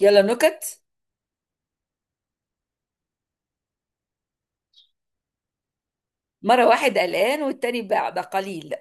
يلا نكت. مرة واحد قلقان والتاني بقى قليل.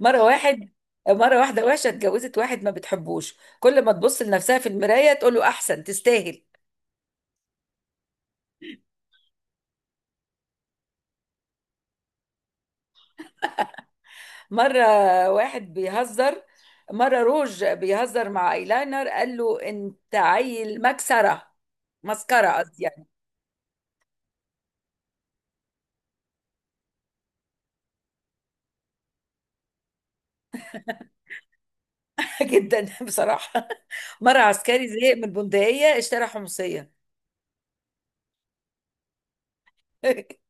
مرة واحد مرة واحدة وحشة اتجوزت واحد ما بتحبوش، كل ما تبص لنفسها في المراية تقول له أحسن تستاهل. مرة واحد بيهزر مرة روج بيهزر مع ايلاينر، قال له انت عيل مكسرة. مسكرة قصدي يعني. جدا بصراحة. مرة عسكري زهق من البندقية اشترى حمصية.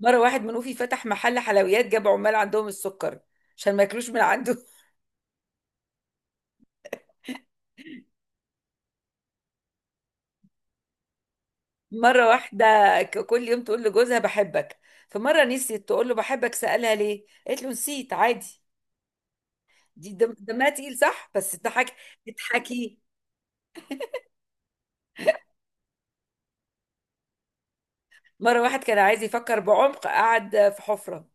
مرة واحد منوفي فتح محل حلويات، جاب عمال عندهم السكر عشان ما ياكلوش من عنده. مرة واحدة كل يوم تقول لجوزها بحبك، فمرة نسيت تقول له بحبك، سألها ليه، قالت له نسيت عادي. دي دمها تقيل صح، بس اضحكي. اضحكي. مرة واحد كان عايز يفكر بعمق، قعد في حفرة.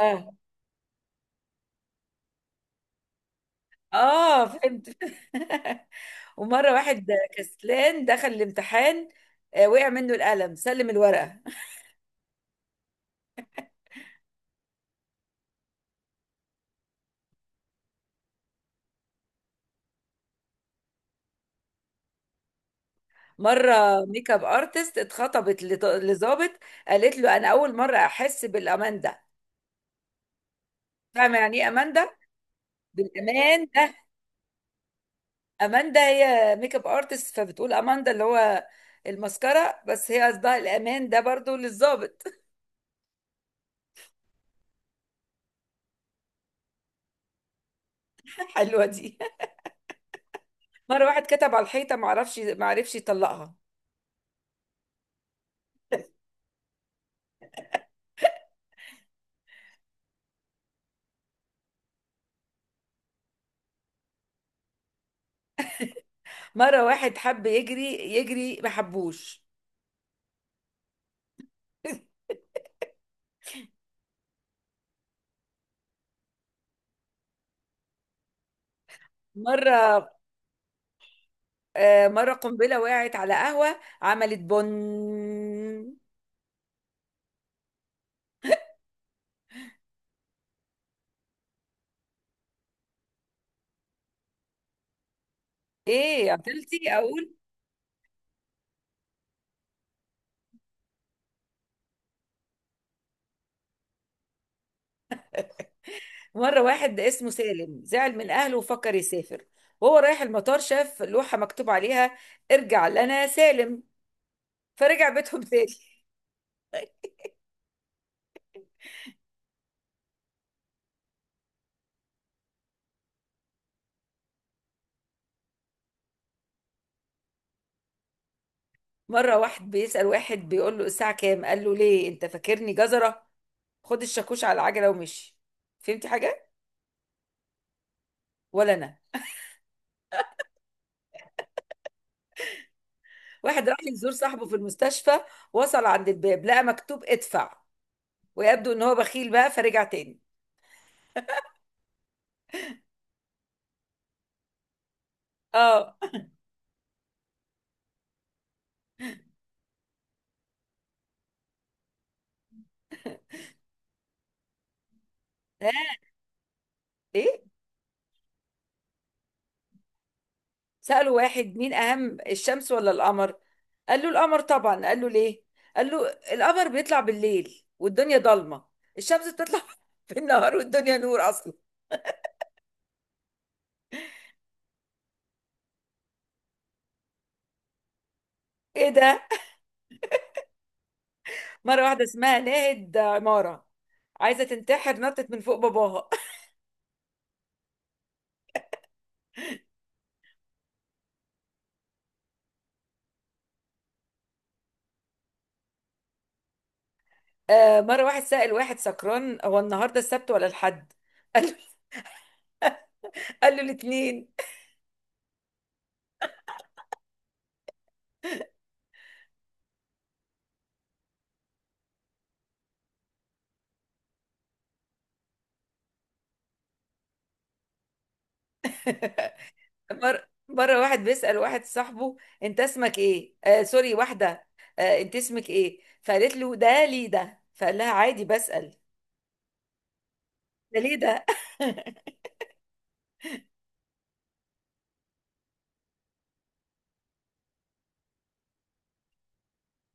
اه، اه، فهمت. ومرة واحد كسلان دخل الامتحان، وقع منه القلم سلم الورقة. مرة ميك اب ارتست اتخطبت لظابط، قالت له انا اول مرة احس بالامان ده، فاهمة يعني ايه امان ده؟ بالامان ده. اماندا هي ميك اب ارتست، فبتقول اماندا اللي هو المسكره، بس هي قصدها الامان ده برضو للظابط. حلوه دي. مره واحد كتب على الحيطه ما عرفش ما عرفش يطلقها. مره واحد حب يجري يجري ما حبوش. مره مره قنبله وقعت على قهوه عملت بن. ايه عطلتي اقول؟ مره واحد اسمه سالم زعل من اهله وفكر يسافر، وهو رايح المطار شاف لوحه مكتوب عليها ارجع لنا سالم، فرجع بيتهم تاني. مرة واحد بيسأل واحد، بيقول له الساعة كام، قال له ليه، انت فاكرني جزرة؟ خد الشاكوش على العجلة ومشي. فهمتي حاجة؟ ولا انا. واحد راح يزور صاحبه في المستشفى، وصل عند الباب لقى مكتوب ادفع، ويبدو ان هو بخيل بقى، فرجع تاني. اه. ها. ايه. سأله واحد مين اهم الشمس ولا القمر، قال له القمر طبعا، قال له ليه، قال له القمر بيطلع بالليل والدنيا ضلمة، الشمس بتطلع في النهار والدنيا نور اصلا. ايه ده. مرة واحدة اسمها لقيت عمارة عايزة تنتحر، نطت من فوق باباها. مرة واحد سأل واحد سكران، هو النهاردة السبت ولا الحد، قال له قال له الاتنين. مرة واحد بيسأل واحد صاحبه انت اسمك ايه، آه سوري، واحدة. آه انت اسمك ايه، فقالت له ده ليه ده، فقال لها عادي بسأل. ده ليه ده.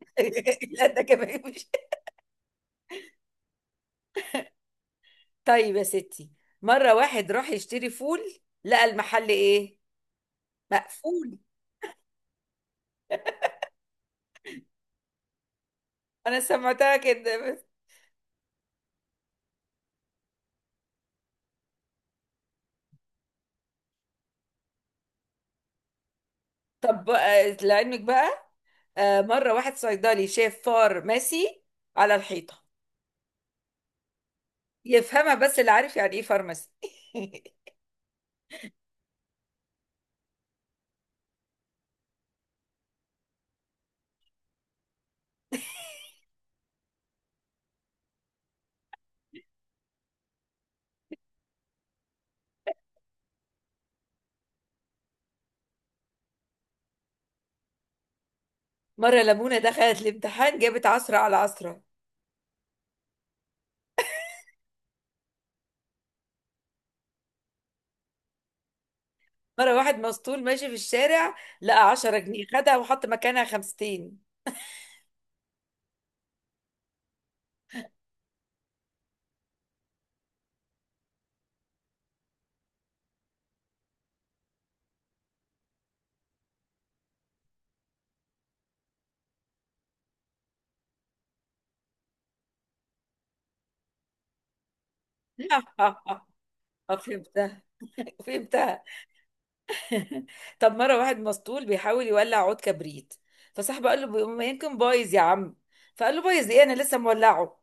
لا ده كمان مش. طيب يا ستي. مرة واحد راح يشتري فول لقى المحل ايه، مقفول. انا سمعتها كده. طب لعلمك بقى. مرة واحد صيدلي شاف فارماسي على الحيطة، يفهمها بس اللي عارف يعني ايه فارماسي. مرة لمونة دخلت الامتحان جابت 10/10. مرة واحد مسطول ماشي في الشارع، لقى 10 جنيه، خدها وحط مكانها 50. اه، فهمتها، فهمتها. طب مرة واحد مسطول بيحاول يولع عود كبريت، فصاحبه قال له ما يمكن بايظ يا عم، فقال له بايظ ايه، انا لسه مولعه.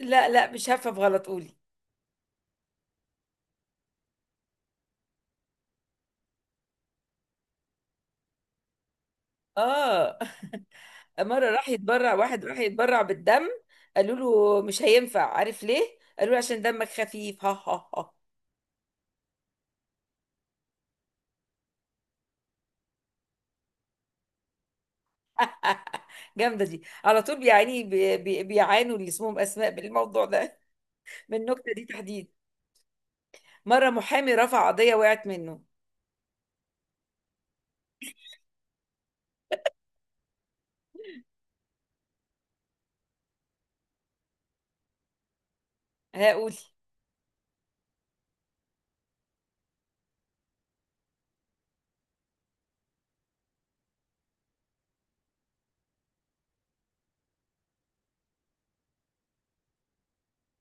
لا لا، مش هفهم غلط، قولي. اه، مرة راح يتبرع واحد راح يتبرع بالدم، قالوا له مش هينفع عارف ليه؟ قالوا له عشان دمك خفيف. ها ها ها. آه، جامدة دي على طول، بيعاني بيعانوا اللي اسمهم أسماء بالموضوع ده، من النكتة دي تحديد. مرة محامي رفع قضية وقعت منه. هقول.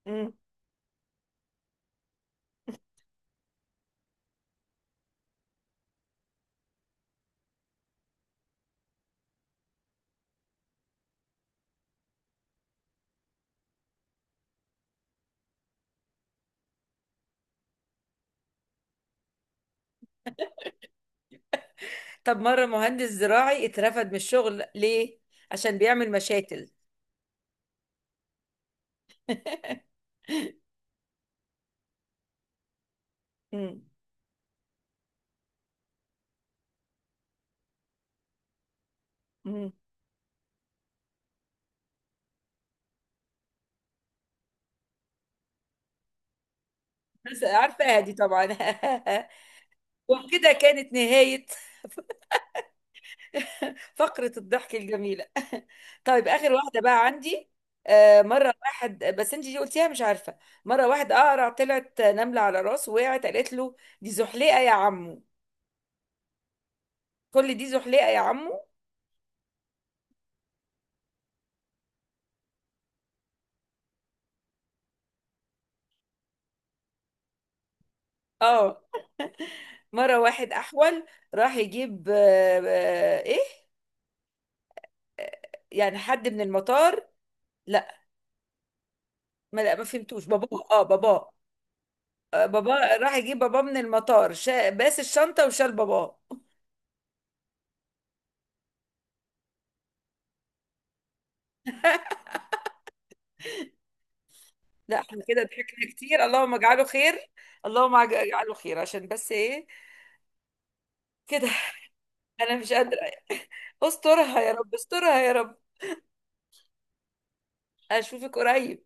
مم. طب مرة مهندس زراعي اترفد من الشغل ليه؟ عشان بيعمل مشاتل. مم. مم. بس عارفة دي طبعا. وكده كانت نهاية فقرة الضحك الجميلة. طيب آخر واحدة بقى عندي. مرة واحد، بس انت دي قلتيها مش عارفة. مرة واحد أقرع طلعت نملة على راسه وقعت قالت له دي زحليقة يا عمو. كل دي زحليقة يا عمو. اه، مرة واحد أحول راح يجيب ايه، يعني حد من المطار. لا. ما لا ما فهمتوش باباه، اه باباه. باباه راح يجيب باباه من المطار، باس الشنطة وشال باباه. لا احنا كده ضحكنا كتير، اللهم اجعله خير. اللهم اجعله خير عشان بس ايه، كده. انا مش قادره. استرها يا رب استرها يا رب. اشوفك قريب.